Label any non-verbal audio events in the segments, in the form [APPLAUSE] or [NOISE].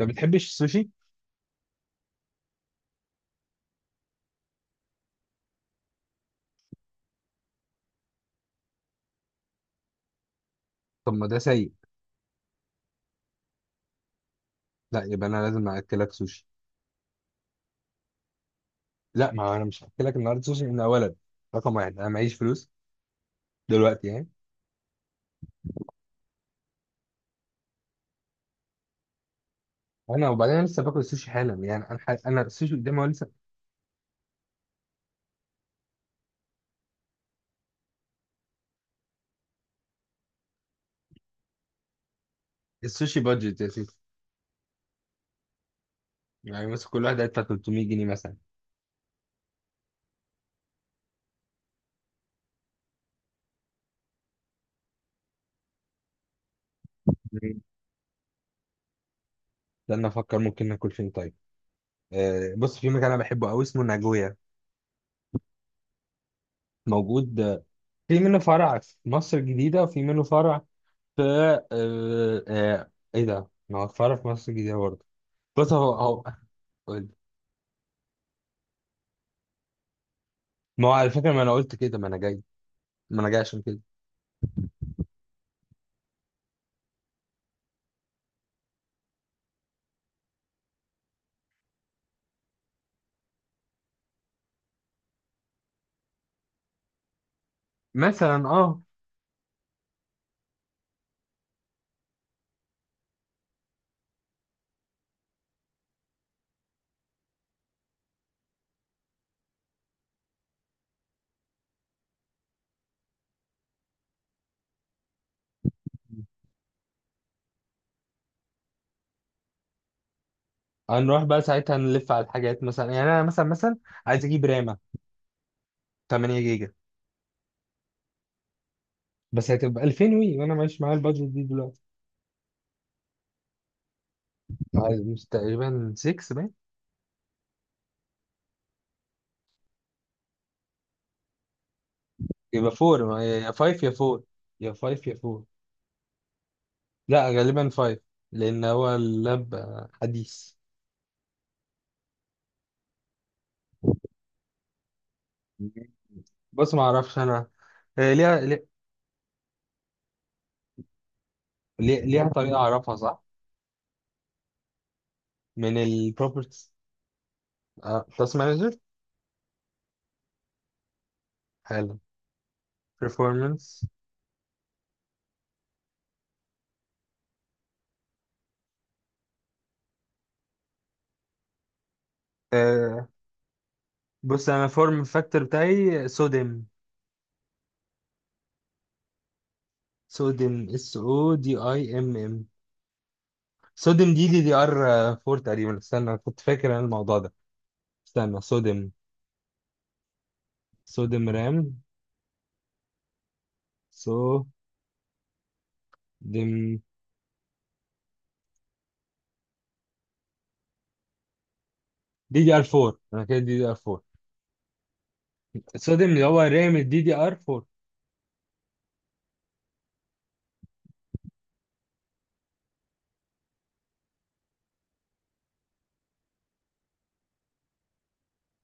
ما بتحبش السوشي؟ طب ما ده سيء. لا، يبقى انا لازم اكلك سوشي. لا، ما انا مش هاكلك النهارده سوشي من اولا. رقم واحد، انا معيش فلوس دلوقتي يعني. انا وبعدين انا لسه باكل السوشي حالا يعني، انا السوشي قدامي هو لسه. السوشي بادجت يا سيدي. يعني مثلا كل واحد هيدفع 300 جنيه مثلا. مم. استنى افكر ممكن ناكل فين طيب. بص، في مكان انا بحبه قوي اسمه ناجويا. موجود، في منه فرع في مصر الجديدة وفي منه فرع في ايه ده، ما هو فرع في مصر الجديدة برضه. بص، هو ما هو على فكرة ما انا قلت كده، ما انا جاي، ما انا جاي عشان كده. مثلا اه، هنروح بقى ساعتها نلف على الحاجات مثلا يعني. انا مثلا مثلا عايز اجيب رامة 8 جيجا، بس هتبقى 2000 وي، وانا مش معايا البادجت دي دلوقتي. عايز، مش تقريبا 6 باين؟ يبقى 4 يا 5 يا 4، يا 5 يا 4. لا غالبا 5. لان هو اللاب حديث. بص ما اعرفش انا. هي ليها ليها طريقة اعرفها. صح، من البروبرتيز. تاسك مانجر. حلو. performance. آه، بص انا فورم فاكتور بتاعي صوديوم. صوديوم اس او دي اي ام ام. صوديوم دي دي ار 4 تقريبا. استنى، أنا كنت فاكر انا الموضوع ده. استنى صوديوم. صوديوم رام. صوديوم دي دي ار 4. انا كده دي دي ار 4. صوديوم اللي هو رام الدي دي ار 4.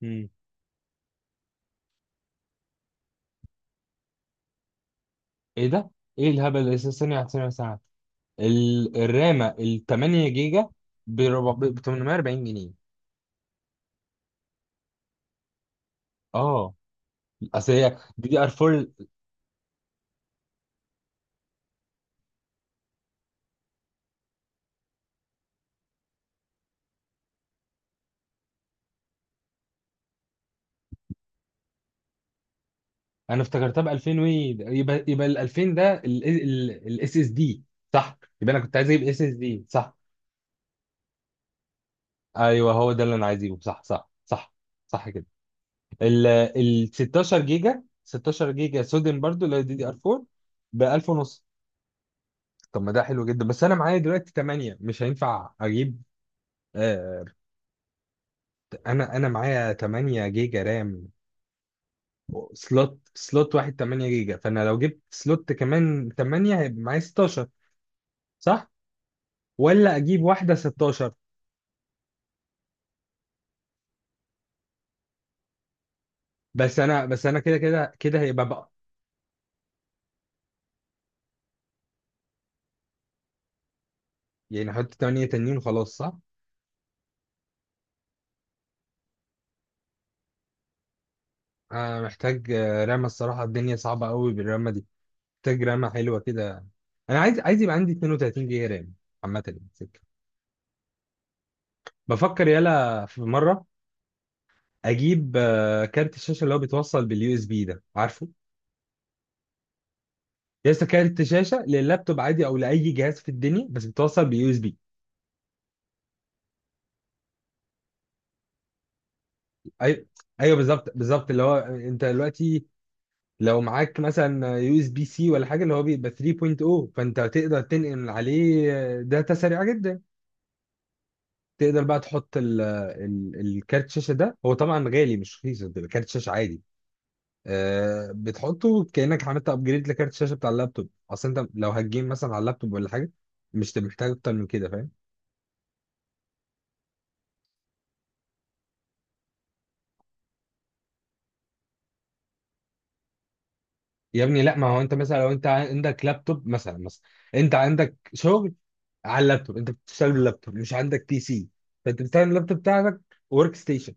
مم. ايه ده؟ ايه الهبل ده؟ ثانية واحدة، ثانية واحدة، ثانية واحدة. الرامة ال 8 جيجا ب 400، ب 840 جنيه. اه اصل هي دي دي ار 4. انا افتكرتها ب 2000 وي. يبقى ال 2000 ده الاس اس دي صح. يبقى انا كنت عايز اجيب اس اس دي صح. ايوه، هو ده اللي انا عايز اجيبه. صح، صح، صح، صح كده. ال 16 جيجا. 16 جيجا سودن برضو اللي هي دي دي ار 4 ب 1000 ونص. طب ما ده حلو جدا، بس انا معايا دلوقتي 8 مش هينفع اجيب. آه انا معايا 8 جيجا رام. سلوت واحد 8 جيجا، فانا لو جبت سلوت كمان 8 هيبقى معايا 16، صح؟ ولا اجيب واحده 16؟ بس انا كده كده كده هيبقى بقى. يعني احط 8 تانيين وخلاص صح. انا محتاج رامه، الصراحه الدنيا صعبه قوي بالرامه دي. محتاج رامه حلوه كده. انا عايز، يبقى عندي 32 جيجا رام عامه يعني سكة. بفكر يلا في مره اجيب كارت الشاشه اللي هو بيتوصل باليو اس بي ده عارفه؟ لسه كارت شاشه لللابتوب عادي او لاي جهاز في الدنيا، بس بيتوصل باليو اس بي. ايوه، ايوه بالظبط بالظبط. اللي هو انت دلوقتي لو معاك مثلا يو اس بي سي ولا حاجه، اللي هو بيبقى 3.0، فانت تقدر تنقل عليه داتا سريعه جدا. تقدر بقى تحط الكارت شاشه ده. هو طبعا غالي مش رخيص، بيبقى كارت شاشه عادي. بتحطه كانك عملت ابجريد لكارت الشاشه بتاع اللابتوب. اصل انت لو هتجيم مثلا على اللابتوب ولا حاجه، مش محتاج اكتر من كده، فاهم؟ يا ابني لا، ما هو انت مثلا لو انت عندك لابتوب مثلا انت عندك شغل على اللابتوب. انت بتشتغل باللابتوب مش عندك بي سي، فانت بتعمل اللابتوب بتاعك ورك ستيشن.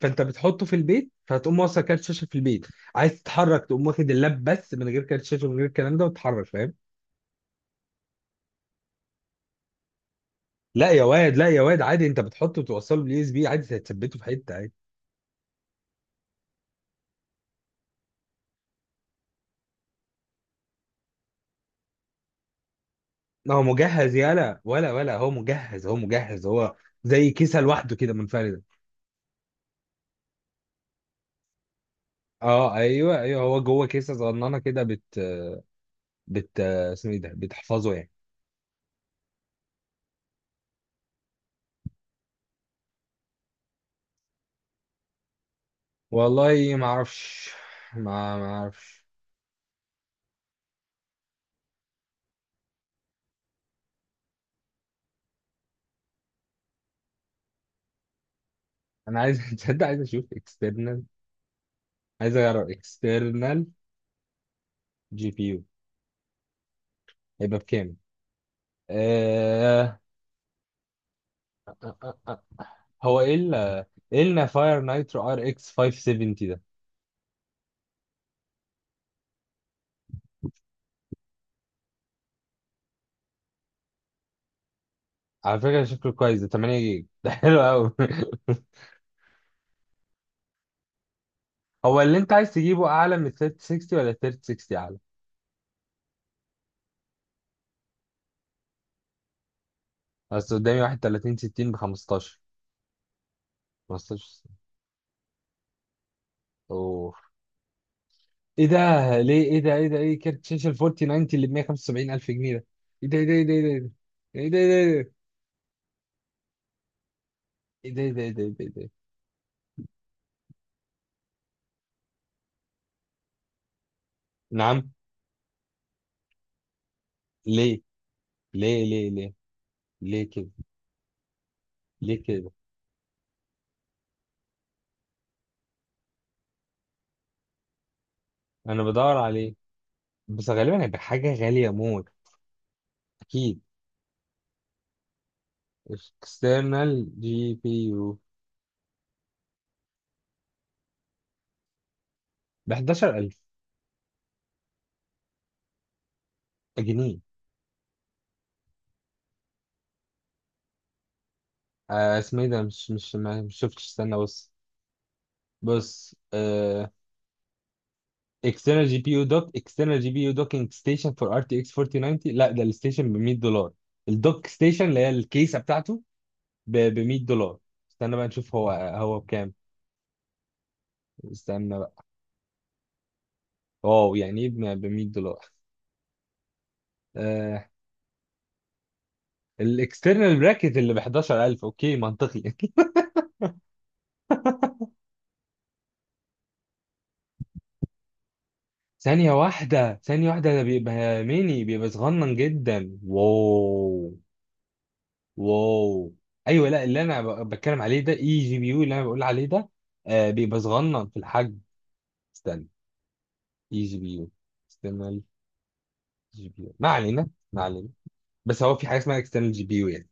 فانت بتحطه في البيت، فهتقوم موصل كارت شاشه في البيت. عايز تتحرك تقوم واخد اللاب بس من غير كارت شاشه من غير الكلام ده وتتحرك، فاهم؟ لا يا واد، لا يا واد، عادي. انت بتحطه وتوصله باليو اس بي عادي، هتثبته في حته عادي. ما هو مجهز يالا. ولا هو مجهز، هو زي كيسه لوحده كده منفرده. اه ايوه، ايوه هو جوه كيسه صغننه كده. بت اسمه ايه ده بتحفظه يعني. والله ما اعرفش. ما اعرفش. انا عايز [LAUGHS] تصدق، عايز اشوف اكسترنال. عايز اجرب اكسترنال جي بي يو. هيبقى بكام؟ آه... هو ايه ال، ايه النا فاير نايترو ار اكس 570 ده؟ على فكره شكله كويس ده 8 جيجا [LAUGHS] ده حلو قوي [LAUGHS] هو اللي انت عايز تجيبه اعلى من 3060، ولا 3060 اعلى؟ بس قدامي واحد 30 60 ب 15، 15. اوه، ايه ده؟ ليه؟ ايه ده؟ ايه ده؟ ايه كارت شاشه ال 4090 اللي ب 175 الف جنيه ده؟ ايه ده؟ ايه ده؟ ايه ده؟ ايه ده؟ ايه ده؟ ايه ده؟ ايه ده؟ ايه ده؟ ايه ده؟ ايه ده؟ إيه ده؟ نعم. ليه؟ ليه؟ ليه؟ ليه؟ ليه كده؟ ليه كده؟ انا بدور عليه، بس غالبا هيبقى حاجه غاليه موت، اكيد. اكسترنال جي بي يو ب 11000 جنيه. اسمه ايه ده، مش شفتش، استنى بص. بص اكسترنال جي بي يو دوك، اكسترنال جي بي يو دوكينج ستيشن فور ار تي اكس 4090. لا ده الستيشن ب 100 دولار. الدوك ستيشن اللي هي الكيسه بتاعته ب 100 دولار. استنى بقى نشوف هو بكام. استنى بقى. واو، يعني ايه؟ ب 100 دولار. آه الاكسترنال براكت اللي ب 11000، اوكي منطقي [LAUGHS] ثانية واحدة، ثانية واحدة، ده بيبقى ميني، بيبقى صغنن جدا. واو، واو. ايوه، لا، اللي انا بتكلم عليه ده اي جي بي يو. اللي انا بقول عليه ده بيبقى صغنن في الحجم. استنى. اي جي بي يو. اكسترنال جي بي يو ما علينا، ما علينا. بس هو في حاجه اسمها اكسترنال جي بي يو.